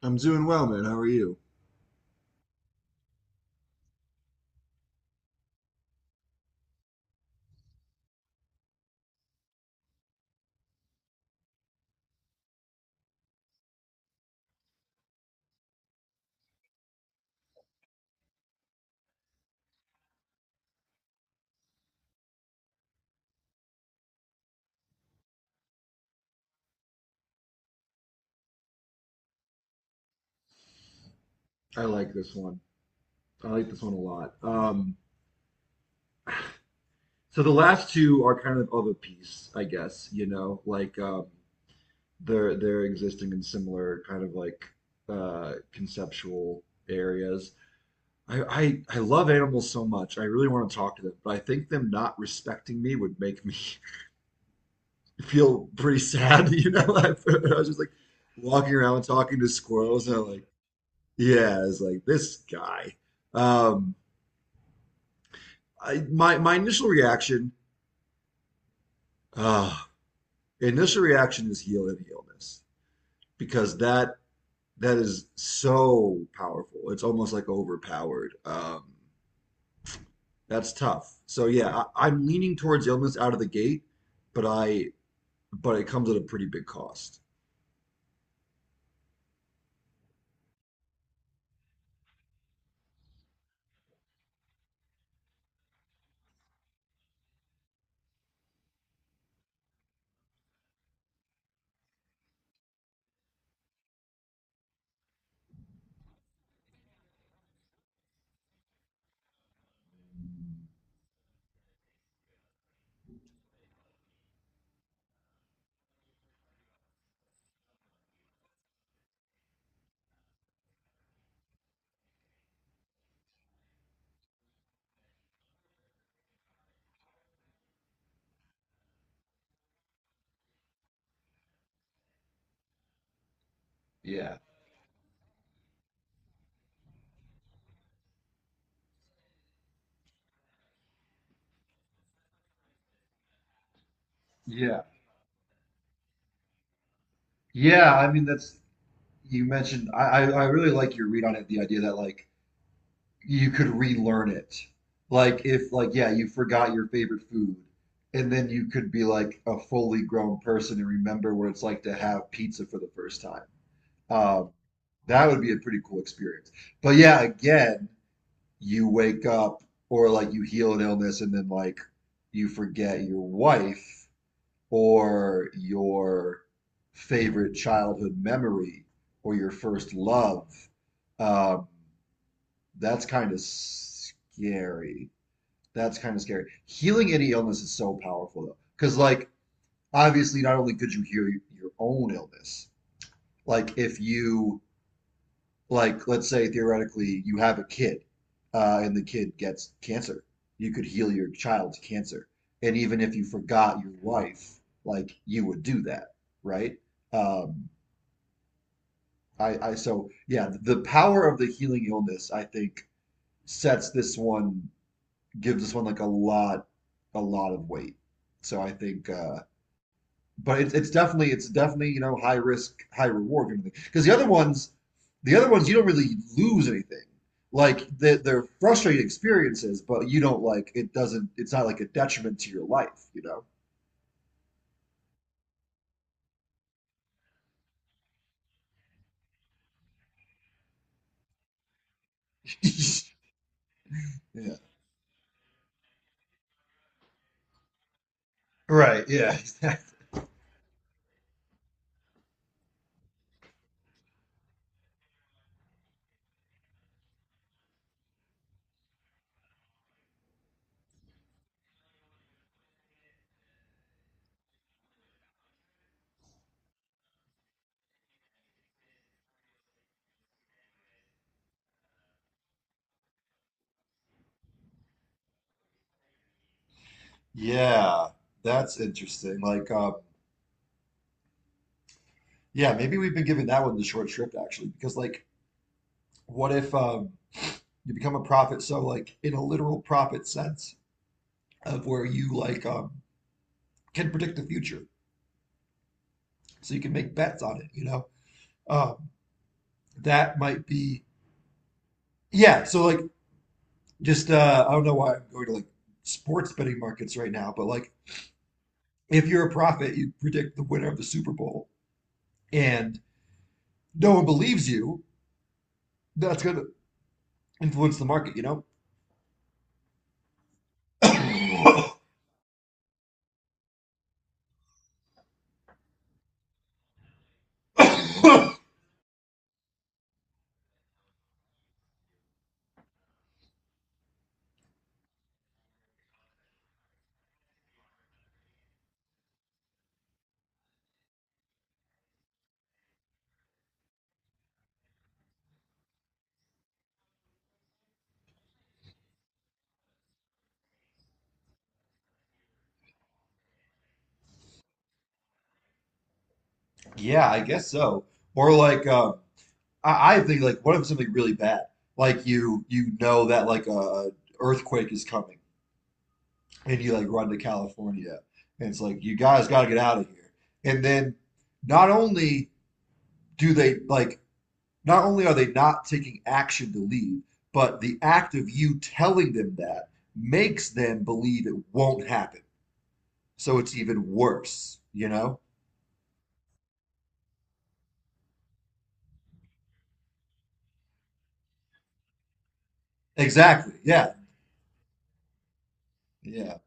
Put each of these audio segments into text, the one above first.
I'm doing well, man. How are you? I like this one. I like this one a lot. So the last two are kind of a piece, I guess, you know, like they're existing in similar kind of like conceptual areas. I love animals so much. I really want to talk to them, but I think them not respecting me would make me feel pretty sad, you know. Was just like walking around talking to squirrels, and I'm like, yeah, it's like this guy. Um, I, my initial uh, reaction is heal and healness because that is so powerful. It's almost like overpowered. That's tough. So yeah, I'm leaning towards illness out of the gate, but I but it comes at a pretty big cost. Yeah, yeah, yeah. I mean, that's you mentioned. I really like your read on it. The idea that like you could relearn it. Like if like yeah, you forgot your favorite food and then you could be like a fully grown person and remember what it's like to have pizza for the first time. Um, that would be a pretty cool experience. But yeah, again, you wake up or like you heal an illness and then like you forget your wife or your favorite childhood memory or your first love. Um, that's kind of scary. That's kind of scary. Healing any illness is so powerful though, because like obviously not only could you heal your own illness, like if you like let's say theoretically you have a kid, and the kid gets cancer, you could heal your child's cancer, and even if you forgot your wife, like you would do that, right? Um, I so yeah, the power of the healing illness I think sets this one gives this one like a lot of weight. So I think, but it's definitely it's definitely, you know, high risk, high reward kind of thing. Because the other ones you don't really lose anything. Like they're frustrating experiences, but you don't like it doesn't. It's not like a detriment to your life, you know. Yeah. Right. Yeah. Exactly. Yeah, that's interesting. Like, yeah, maybe we've been giving that one the short shrift actually, because like, what if you become a prophet, so like in a literal prophet sense of where you like can predict the future, so you can make bets on it, you know. um, that might be yeah so like just I don't know why I'm going to like sports betting markets right now, but like if you're a prophet, you predict the winner of the Super Bowl and no one believes you, that's going to influence the market, you know? Yeah, I guess so. Or like I think, like, what if something really bad? Like you know that like a earthquake is coming and you like run to California and it's like, you guys gotta get out of here. And then not only do they like not only are they not taking action to leave, but the act of you telling them that makes them believe it won't happen. So it's even worse, you know? Exactly. Yeah. Yeah.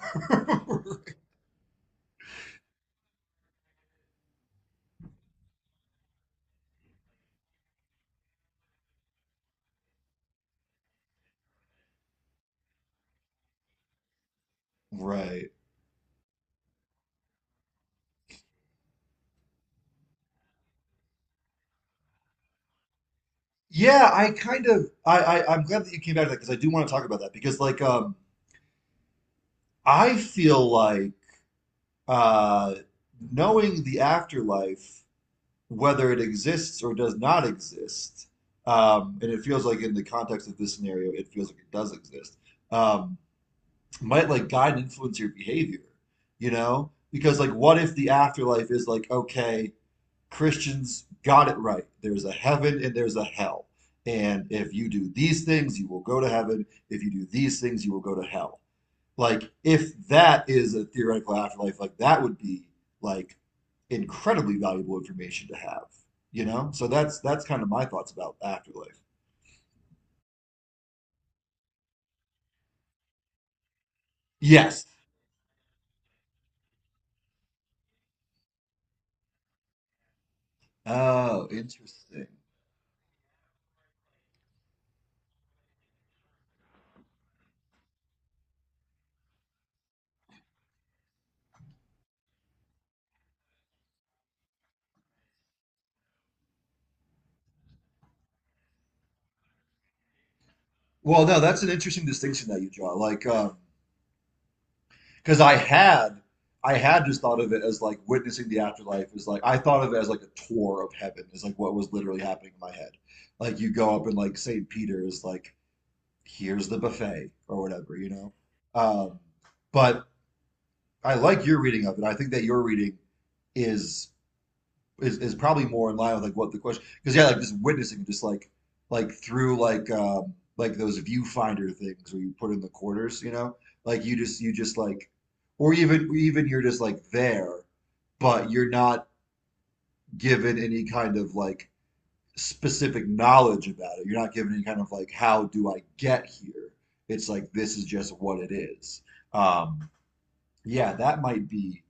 Yeah. Right. Yeah, I kind of, I'm glad that you came back to that because I do want to talk about that because like I feel like uh knowing the afterlife, whether it exists or does not exist, and it feels like in the context of this scenario, it feels like it does exist, um, might like guide and influence your behavior, you know? Because like what if the afterlife is like, okay, Christians got it right. There's a heaven and there's a hell. And if you do these things, you will go to heaven. If you do these things, you will go to hell. Like, if that is a theoretical afterlife, like that would be like incredibly valuable information to have, you know? So that's kind of my thoughts about afterlife. Yes. Oh, interesting. Well, no, that's an interesting distinction that you draw. Like, because I had just thought of it as like witnessing the afterlife is like, I thought of it as like a tour of heaven is like what was literally happening in my head. Like you go up and like St. Peter's like, here's the buffet or whatever, you know. Um, but I like your reading of it. I think that your reading is is probably more in line with like what the question, because yeah, like just witnessing, just like through like those viewfinder things where you put in the quarters, you know, like you just like, or even you're just like there, but you're not given any kind of like specific knowledge about it. You're not given any kind of like, how do I get here? It's like, this is just what it is. um yeah, that might be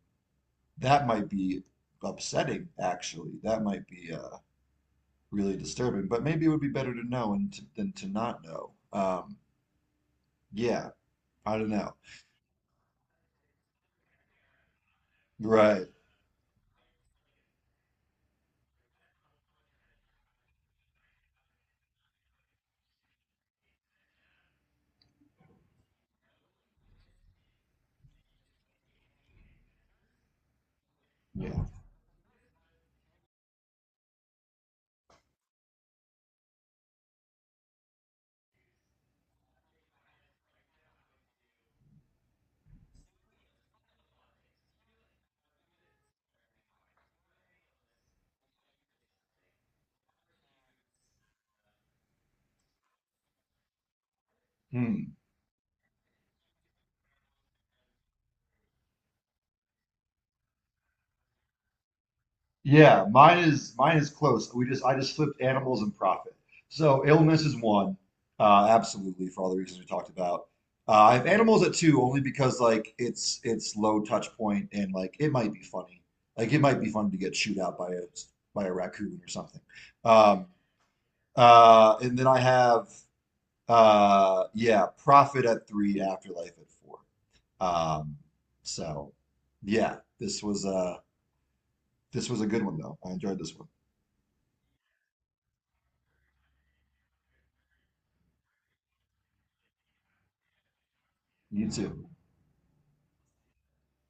that might be upsetting actually. That might be really disturbing. But maybe it would be better to know than to not know. Yeah, I don't know. Right. Yeah. Hmm. Yeah, mine is close. We just flipped animals and profit. So illness is one, absolutely for all the reasons we talked about. I have animals at two only because like it's low touch point and like it might be funny. Like it might be fun to get chewed out by a raccoon or something. Um, and then I have yeah, Prophet at three, Afterlife at four. Um, so yeah, this was a good one though. I enjoyed this one. You too.